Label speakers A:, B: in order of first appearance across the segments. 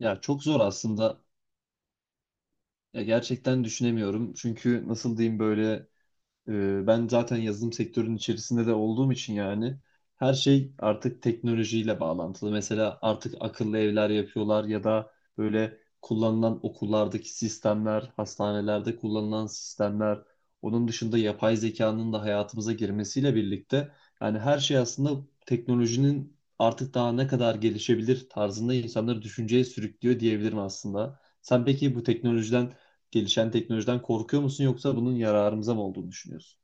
A: Ya çok zor aslında. Ya gerçekten düşünemiyorum. Çünkü nasıl diyeyim böyle ben zaten yazılım sektörünün içerisinde de olduğum için yani her şey artık teknolojiyle bağlantılı. Mesela artık akıllı evler yapıyorlar ya da böyle kullanılan okullardaki sistemler, hastanelerde kullanılan sistemler, onun dışında yapay zekanın da hayatımıza girmesiyle birlikte yani her şey aslında teknolojinin artık daha ne kadar gelişebilir tarzında insanları düşünceye sürüklüyor diyebilirim aslında. Sen peki bu teknolojiden gelişen teknolojiden korkuyor musun yoksa bunun yararımıza mı olduğunu düşünüyorsun?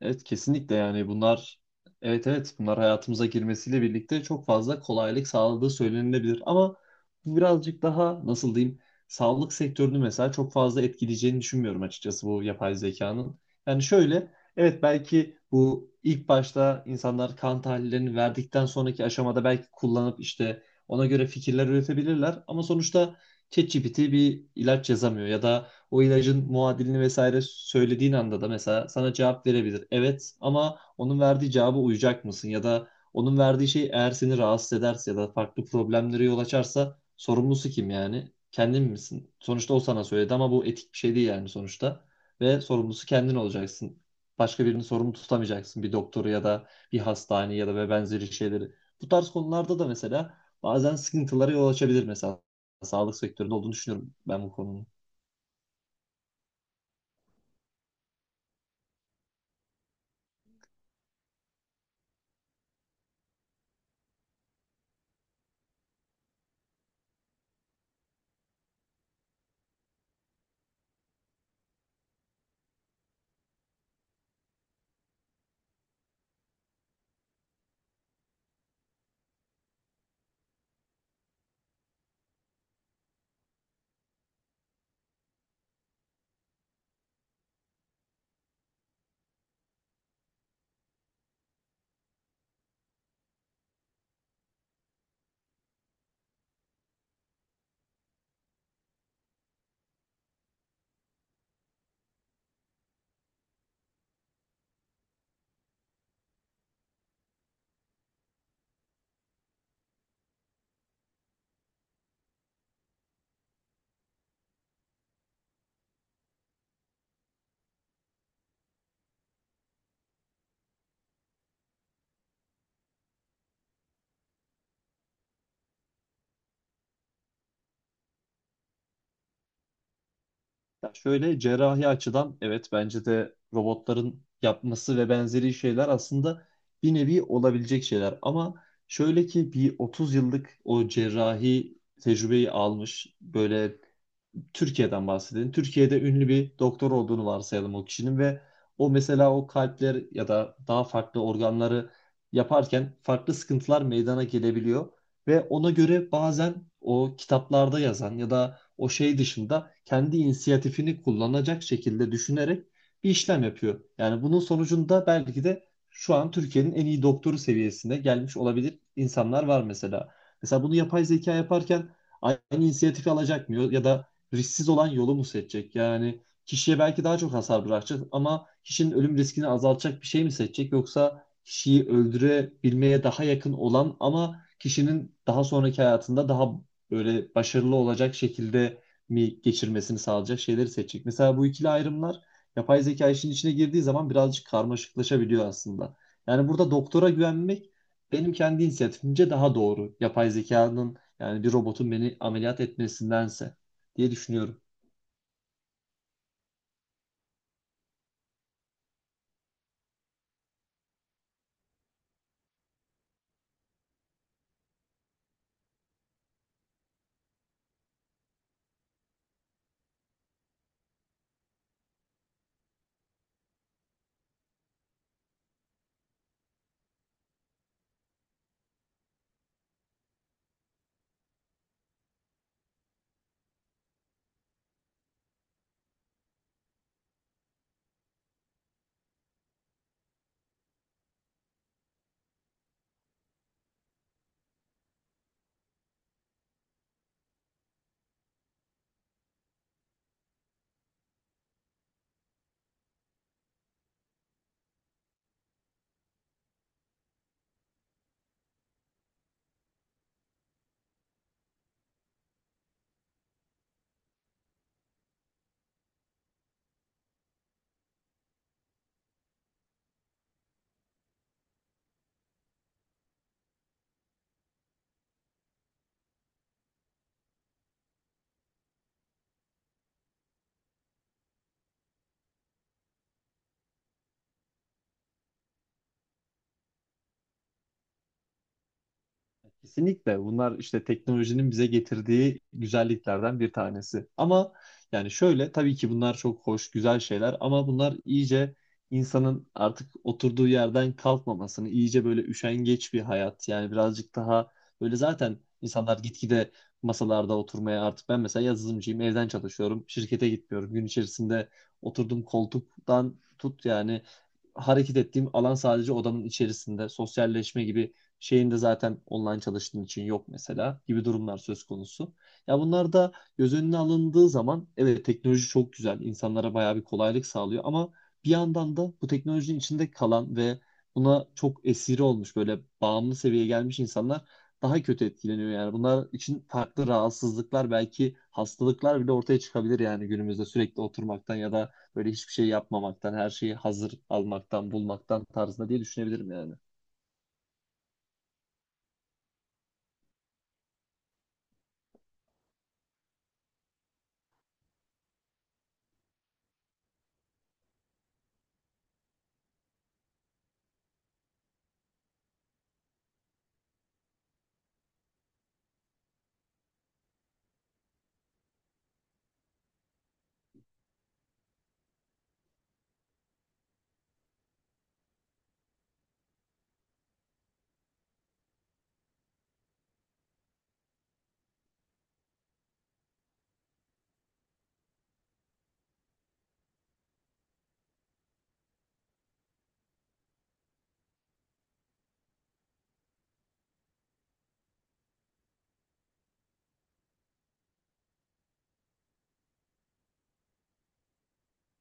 A: Evet, kesinlikle, yani bunlar, evet evet, bunlar hayatımıza girmesiyle birlikte çok fazla kolaylık sağladığı söylenilebilir ama bu birazcık daha nasıl diyeyim, sağlık sektörünü mesela çok fazla etkileyeceğini düşünmüyorum açıkçası, bu yapay zekanın. Yani şöyle, evet, belki bu ilk başta insanlar kan tahlillerini verdikten sonraki aşamada belki kullanıp işte ona göre fikirler üretebilirler ama sonuçta ChatGPT bir ilaç yazamıyor ya da o ilacın muadilini vesaire söylediğin anda da mesela sana cevap verebilir. Evet, ama onun verdiği cevaba uyacak mısın? Ya da onun verdiği şey eğer seni rahatsız ederse ya da farklı problemlere yol açarsa sorumlusu kim yani? Kendin misin? Sonuçta o sana söyledi ama bu etik bir şey değil yani sonuçta. Ve sorumlusu kendin olacaksın. Başka birini sorumlu tutamayacaksın. Bir doktoru ya da bir hastane ya da ve benzeri şeyleri. Bu tarz konularda da mesela bazen sıkıntılara yol açabilir mesela. Sağlık sektöründe olduğunu düşünüyorum ben bu konunun. Ya şöyle, cerrahi açıdan evet bence de robotların yapması ve benzeri şeyler aslında bir nevi olabilecek şeyler. Ama şöyle ki, bir 30 yıllık o cerrahi tecrübeyi almış, böyle Türkiye'den bahsedelim. Türkiye'de ünlü bir doktor olduğunu varsayalım o kişinin, ve o mesela o kalpler ya da daha farklı organları yaparken farklı sıkıntılar meydana gelebiliyor ve ona göre bazen o kitaplarda yazan ya da o şey dışında kendi inisiyatifini kullanacak şekilde düşünerek bir işlem yapıyor. Yani bunun sonucunda belki de şu an Türkiye'nin en iyi doktoru seviyesine gelmiş olabilir insanlar var mesela. Mesela bunu yapay zeka yaparken aynı inisiyatifi alacak mı, ya da risksiz olan yolu mu seçecek? Yani kişiye belki daha çok hasar bırakacak ama kişinin ölüm riskini azaltacak bir şey mi seçecek? Yoksa kişiyi öldürebilmeye daha yakın olan ama kişinin daha sonraki hayatında daha böyle başarılı olacak şekilde mi geçirmesini sağlayacak şeyleri seçecek? Mesela bu ikili ayrımlar yapay zeka işin içine girdiği zaman birazcık karmaşıklaşabiliyor aslında. Yani burada doktora güvenmek benim kendi inisiyatifimce daha doğru, yapay zekanın, yani bir robotun beni ameliyat etmesindense, diye düşünüyorum. Kesinlikle bunlar işte teknolojinin bize getirdiği güzelliklerden bir tanesi. Ama yani şöyle, tabii ki bunlar çok hoş, güzel şeyler ama bunlar iyice insanın artık oturduğu yerden kalkmamasını, iyice böyle üşengeç bir hayat, yani birazcık daha böyle, zaten insanlar gitgide masalarda oturmaya, artık ben mesela yazılımcıyım, evden çalışıyorum, şirkete gitmiyorum. Gün içerisinde oturduğum koltuktan tut, yani hareket ettiğim alan sadece odanın içerisinde, sosyalleşme gibi şeyinde zaten online çalıştığın için yok mesela, gibi durumlar söz konusu. Ya bunlar da göz önüne alındığı zaman evet teknoloji çok güzel, insanlara bayağı bir kolaylık sağlıyor ama bir yandan da bu teknolojinin içinde kalan ve buna çok esiri olmuş, böyle bağımlı seviyeye gelmiş insanlar daha kötü etkileniyor yani. Bunlar için farklı rahatsızlıklar, belki hastalıklar bile ortaya çıkabilir yani günümüzde, sürekli oturmaktan ya da böyle hiçbir şey yapmamaktan, her şeyi hazır almaktan, bulmaktan tarzında, diye düşünebilirim yani.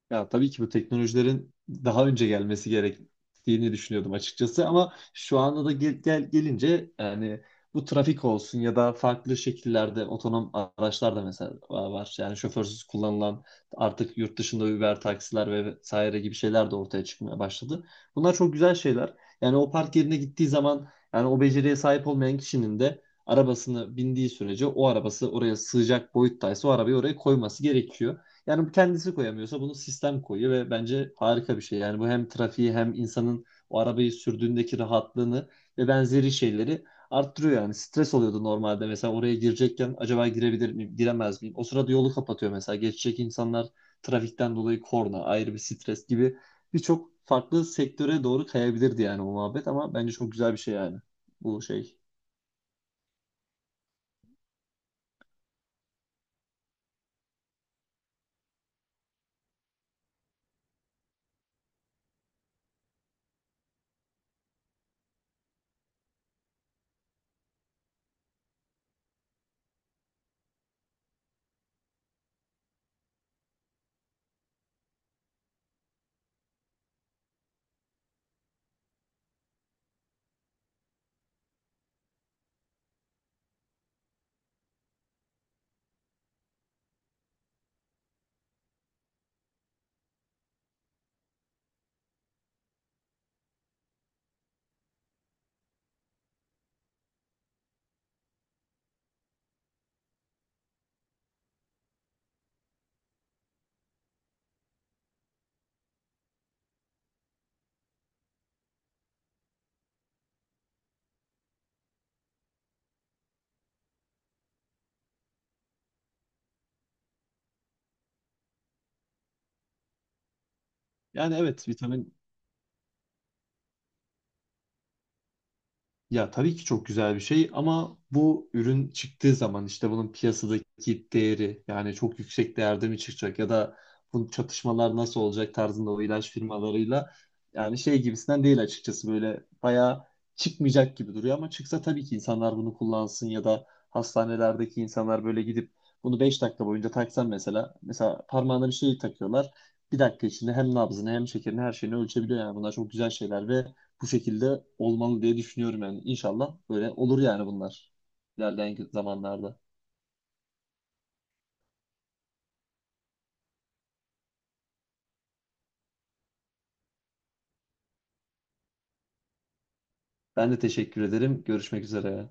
A: Ya tabii ki bu teknolojilerin daha önce gelmesi gerektiğini düşünüyordum açıkçası ama şu anda da gelince yani, bu trafik olsun ya da farklı şekillerde otonom araçlar da mesela var. Yani şoförsüz kullanılan, artık yurt dışında Uber taksiler ve vesaire gibi şeyler de ortaya çıkmaya başladı. Bunlar çok güzel şeyler. Yani o park yerine gittiği zaman, yani o beceriye sahip olmayan kişinin de arabasını bindiği sürece, o arabası oraya sığacak boyuttaysa o arabayı oraya koyması gerekiyor. Yani bu kendisi koyamıyorsa bunu sistem koyuyor ve bence harika bir şey. Yani bu hem trafiği hem insanın o arabayı sürdüğündeki rahatlığını ve benzeri şeyleri arttırıyor yani. Stres oluyordu normalde, mesela oraya girecekken acaba girebilir miyim, giremez miyim? O sırada yolu kapatıyor mesela. Geçecek insanlar, trafikten dolayı korna, ayrı bir stres gibi birçok farklı sektöre doğru kayabilirdi yani o muhabbet, ama bence çok güzel bir şey yani bu şey. Yani evet, vitamin, ya tabii ki çok güzel bir şey ama bu ürün çıktığı zaman işte bunun piyasadaki değeri yani çok yüksek değerde mi çıkacak ya da bu çatışmalar nasıl olacak tarzında o ilaç firmalarıyla, yani şey gibisinden değil açıkçası, böyle bayağı çıkmayacak gibi duruyor ama çıksa tabii ki insanlar bunu kullansın ya da hastanelerdeki insanlar böyle gidip bunu 5 dakika boyunca taksan, mesela parmağına bir şey takıyorlar, 1 dakika içinde hem nabzını hem şekerini her şeyini ölçebiliyor, yani bunlar çok güzel şeyler ve bu şekilde olmalı diye düşünüyorum yani. İnşallah böyle olur yani bunlar ilerleyen zamanlarda. Ben de teşekkür ederim. Görüşmek üzere.